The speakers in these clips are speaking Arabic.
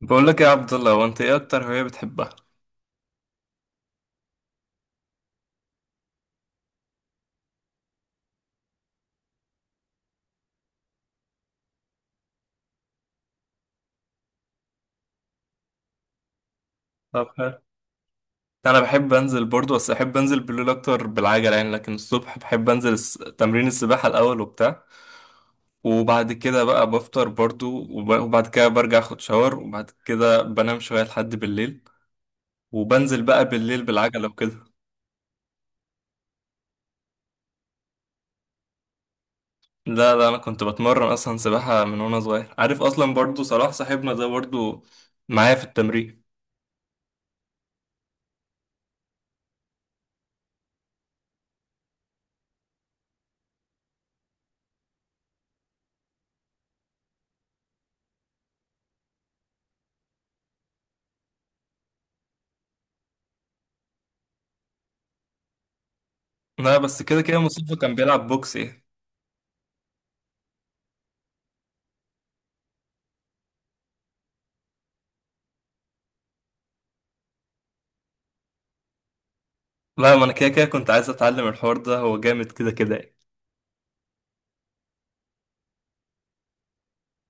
بقول لك يا عبد الله، هو انت ايه اكتر هوايه بتحبها؟ طب حلو. انا بحب انزل برضو، بس احب انزل بالليل اكتر بالعجله يعني. لكن الصبح بحب انزل تمرين السباحه الاول وبتاع، وبعد كده بقى بفطر برضو، وبعد كده برجع اخد شاور، وبعد كده بنام شويه لحد بالليل، وبنزل بقى بالليل بالعجله وكده. لا، انا كنت بتمرن اصلا سباحه من وانا صغير، عارف، اصلا برضو صلاح صاحبنا ده برضو معايا في التمرين. لا بس كده كده مصطفى كان بيلعب بوكس ايه. لا ما انا كده كده كنت عايز اتعلم الحوار ده، هو جامد كده كده يعني.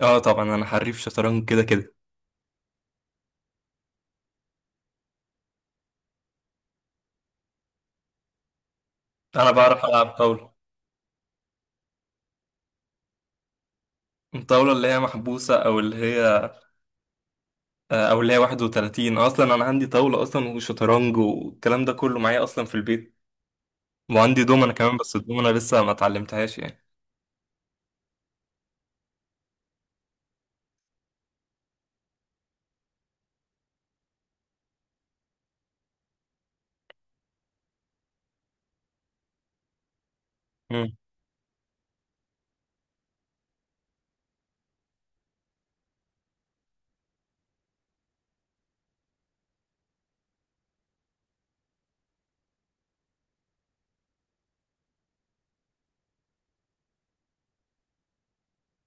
اه طبعا انا حريف شطرنج كده كده. انا بعرف العب طاولة. الطاولة اللي هي محبوسة او اللي هي او اللي هي 31. اصلا انا عندي طاولة اصلا وشطرنج والكلام ده كله معايا اصلا في البيت، وعندي دومنة كمان، بس الدومنة لسه ما اتعلمتهاش يعني. مم.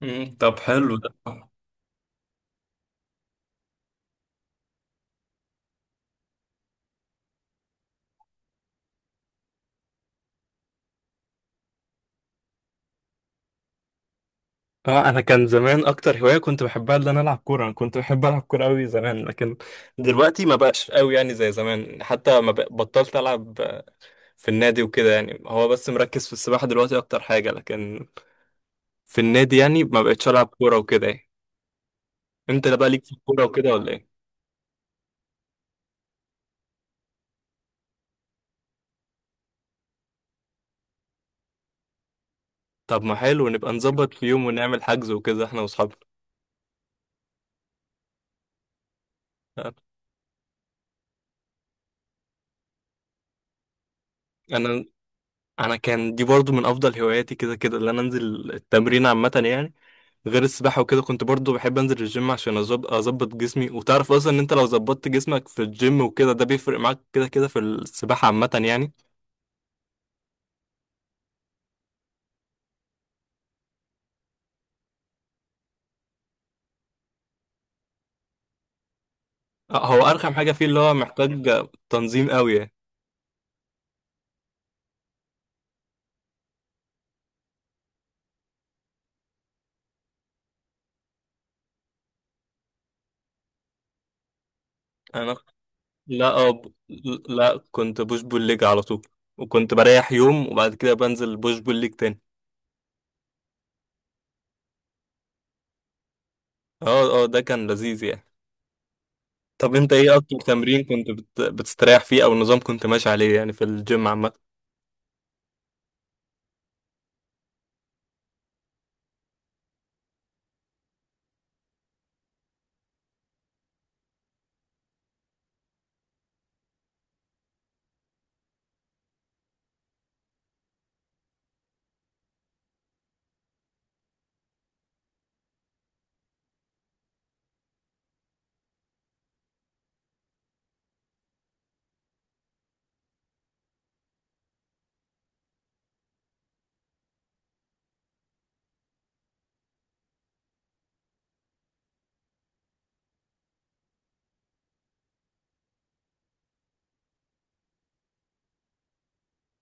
مم. طب حلو ده. اه انا كان زمان اكتر هواية كنت بحبها ان انا العب كورة، انا كنت بحب العب كورة قوي زمان، لكن دلوقتي ما بقاش قوي يعني زي زمان، حتى ما بق- بطلت العب في النادي وكده يعني. هو بس مركز في السباحة دلوقتي أكتر حاجة، لكن في النادي يعني ما بقتش ألعب كورة وكده يعني. أنت بقى ليك في الكورة وكده ولا إيه؟ طب ما حلو، نبقى نظبط في يوم ونعمل حجز وكده إحنا وأصحابنا. أنا أنا كان دي برضو من أفضل هواياتي كده كده، اللي أنا أنزل التمرين عامة يعني. غير السباحة وكده، كنت برضو بحب أنزل الجيم عشان أظبط جسمي. وتعرف أصلا إن أنت لو ظبطت جسمك في الجيم وكده ده بيفرق معاك كده كده في السباحة عامة يعني. آه، هو أرخم حاجة فيه اللي هو محتاج تنظيم قوي يعني. انا لا أه ب... لا كنت بوش بول ليج على طول، وكنت بريح يوم وبعد كده بنزل بوش بول ليج تاني. اه، ده كان لذيذ يعني. طب انت ايه اكتر تمرين بتستريح فيه، او نظام كنت ماشي عليه يعني في الجيم عامة؟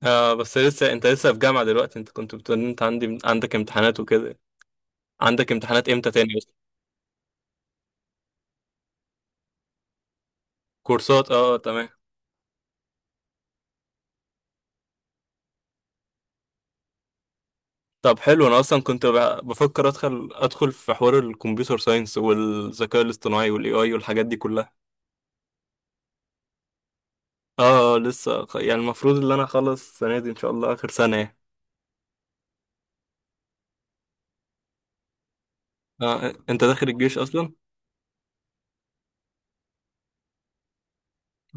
آه بس لسه انت لسه في جامعة دلوقتي؟ انت كنت بتقول إن انت عندك امتحانات وكده. عندك امتحانات امتى تاني اصلا؟ كورسات، اه تمام. طب حلو، انا اصلا كنت بفكر ادخل في حوار الكمبيوتر ساينس والذكاء الاصطناعي والاي اي والحاجات دي كلها. اه، لسه يعني المفروض ان انا اخلص السنه دي ان شاء الله، اخر سنه يعني. آه، انت داخل الجيش اصلا؟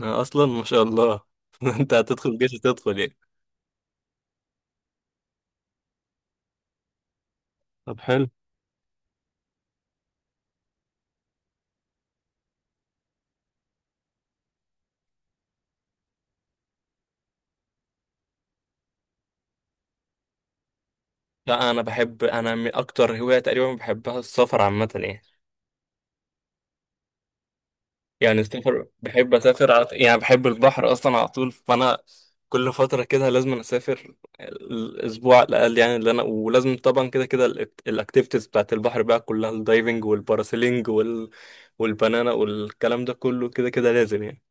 آه اصلا، ما شاء الله. انت هتدخل الجيش، هتدخل يعني. طب حلو. لا انا بحب، انا من اكتر هوايه تقريبا بحبها السفر عامه يعني. يعني السفر بحب اسافر على... يعني بحب البحر اصلا على طول، فانا كل فتره كده لازم أنا اسافر الاسبوع على الاقل يعني، اللي انا ولازم طبعا كده كده الاكتيفيتيز بتاعت البحر بقى كلها، الدايفنج والباراسيلينج وال... والبنانا والكلام ده كله كده كده لازم يعني.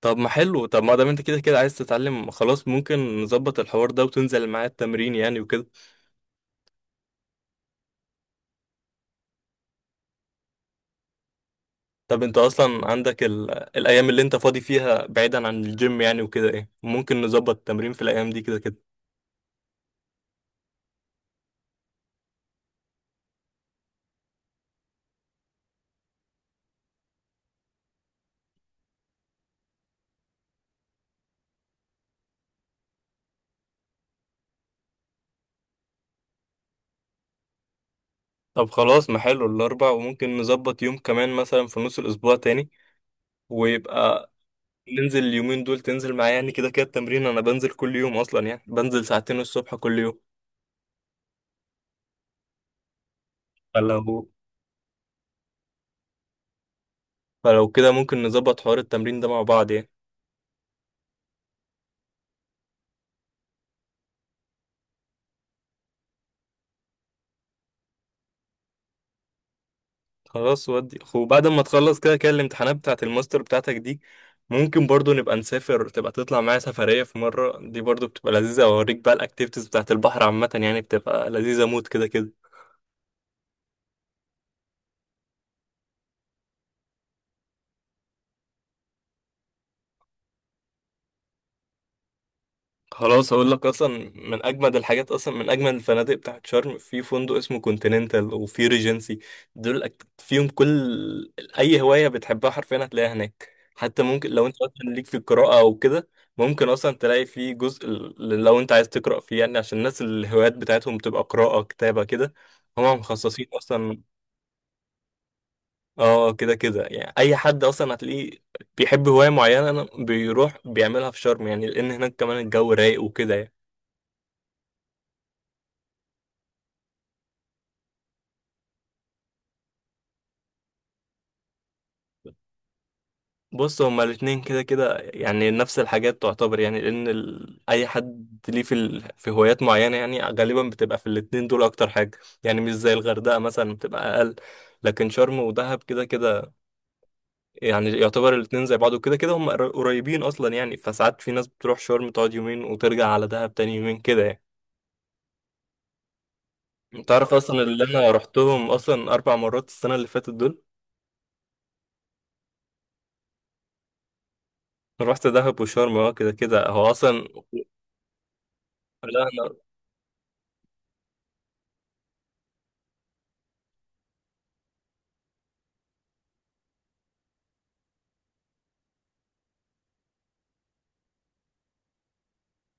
طب ما حلو، طب ما دام انت كده كده عايز تتعلم، خلاص ممكن نظبط الحوار ده وتنزل معايا التمرين يعني وكده. طب انت اصلا عندك ال... الايام اللي انت فاضي فيها بعيدا عن الجيم يعني وكده ايه؟ ممكن نظبط التمرين في الايام دي كده كده. طب خلاص، ما حلو الأربع، وممكن نظبط يوم كمان مثلا في نص الأسبوع تاني، ويبقى ننزل اليومين دول تنزل معايا يعني. كده كده التمرين أنا بنزل كل يوم أصلا يعني، بنزل ساعتين الصبح كل يوم. فلو فلو كده ممكن نظبط حوار التمرين ده مع بعض يعني. خلاص، ودي وبعد ما تخلص كده كده الامتحانات بتاعة الماستر بتاعتك دي، ممكن برضو نبقى نسافر، تبقى تطلع معايا سفرية في مرة. دي برضو بتبقى لذيذة، أوريك بقى الأكتيفيتيز بتاعة البحر عامة يعني، بتبقى لذيذة موت كده كده. خلاص هقول لك اصلا، من اجمد الحاجات اصلا، من اجمد الفنادق بتاعت شرم في فندق اسمه كونتيننتال، وفي ريجنسي. دول فيهم كل اي هوايه بتحبها حرفيا هتلاقيها هناك. حتى ممكن لو انت مثلا ليك في القراءه او كده، ممكن اصلا تلاقي فيه جزء لو انت عايز تقرا فيه يعني، عشان الناس الهوايات بتاعتهم تبقى قراءه كتابه كده، هم مخصصين اصلا. اه كده كده يعني، اي حد اصلا هتلاقيه بيحب هوايه معينه بيروح بيعملها في شرم يعني، لان هناك كمان الجو رايق وكده يعني. بص هما الاتنين كده كده يعني نفس الحاجات تعتبر يعني، لأن ال... أي حد ليه في ال... في هوايات معينة يعني غالبا بتبقى في الاتنين دول أكتر حاجة يعني، مش زي الغردقة مثلا بتبقى أقل. لكن شرم ودهب كده كده يعني يعتبر الاتنين زي بعض، وكده كده هما قريبين أصلا يعني. فساعات في ناس بتروح شرم تقعد يومين وترجع على دهب تاني يومين كده يعني. أنت عارف أصلا اللي أنا رحتهم أصلا أربع مرات السنة اللي فاتت دول. رحت دهب وشرم، اه كده كده هو أصلا. لا.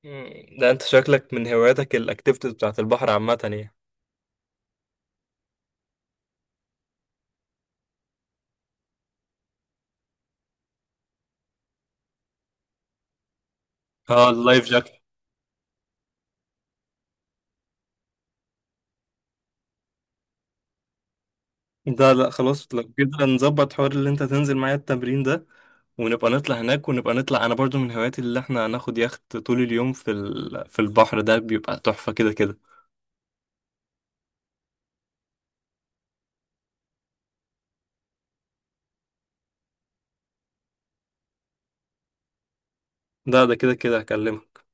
مم. ده انت شكلك من هواياتك الاكتيفيتيز بتاعت البحر عامة يعني. اه اللايف جاكت. ده لا خلاص، لو كده نظبط حوار اللي انت تنزل معايا التمرين ده، ونبقى نطلع هناك. ونبقى نطلع، انا برضو من هواياتي اللي احنا هناخد يخت طول اليوم في ال... في البحر، ده بيبقى تحفة كده كده. ده كده كده هكلمك.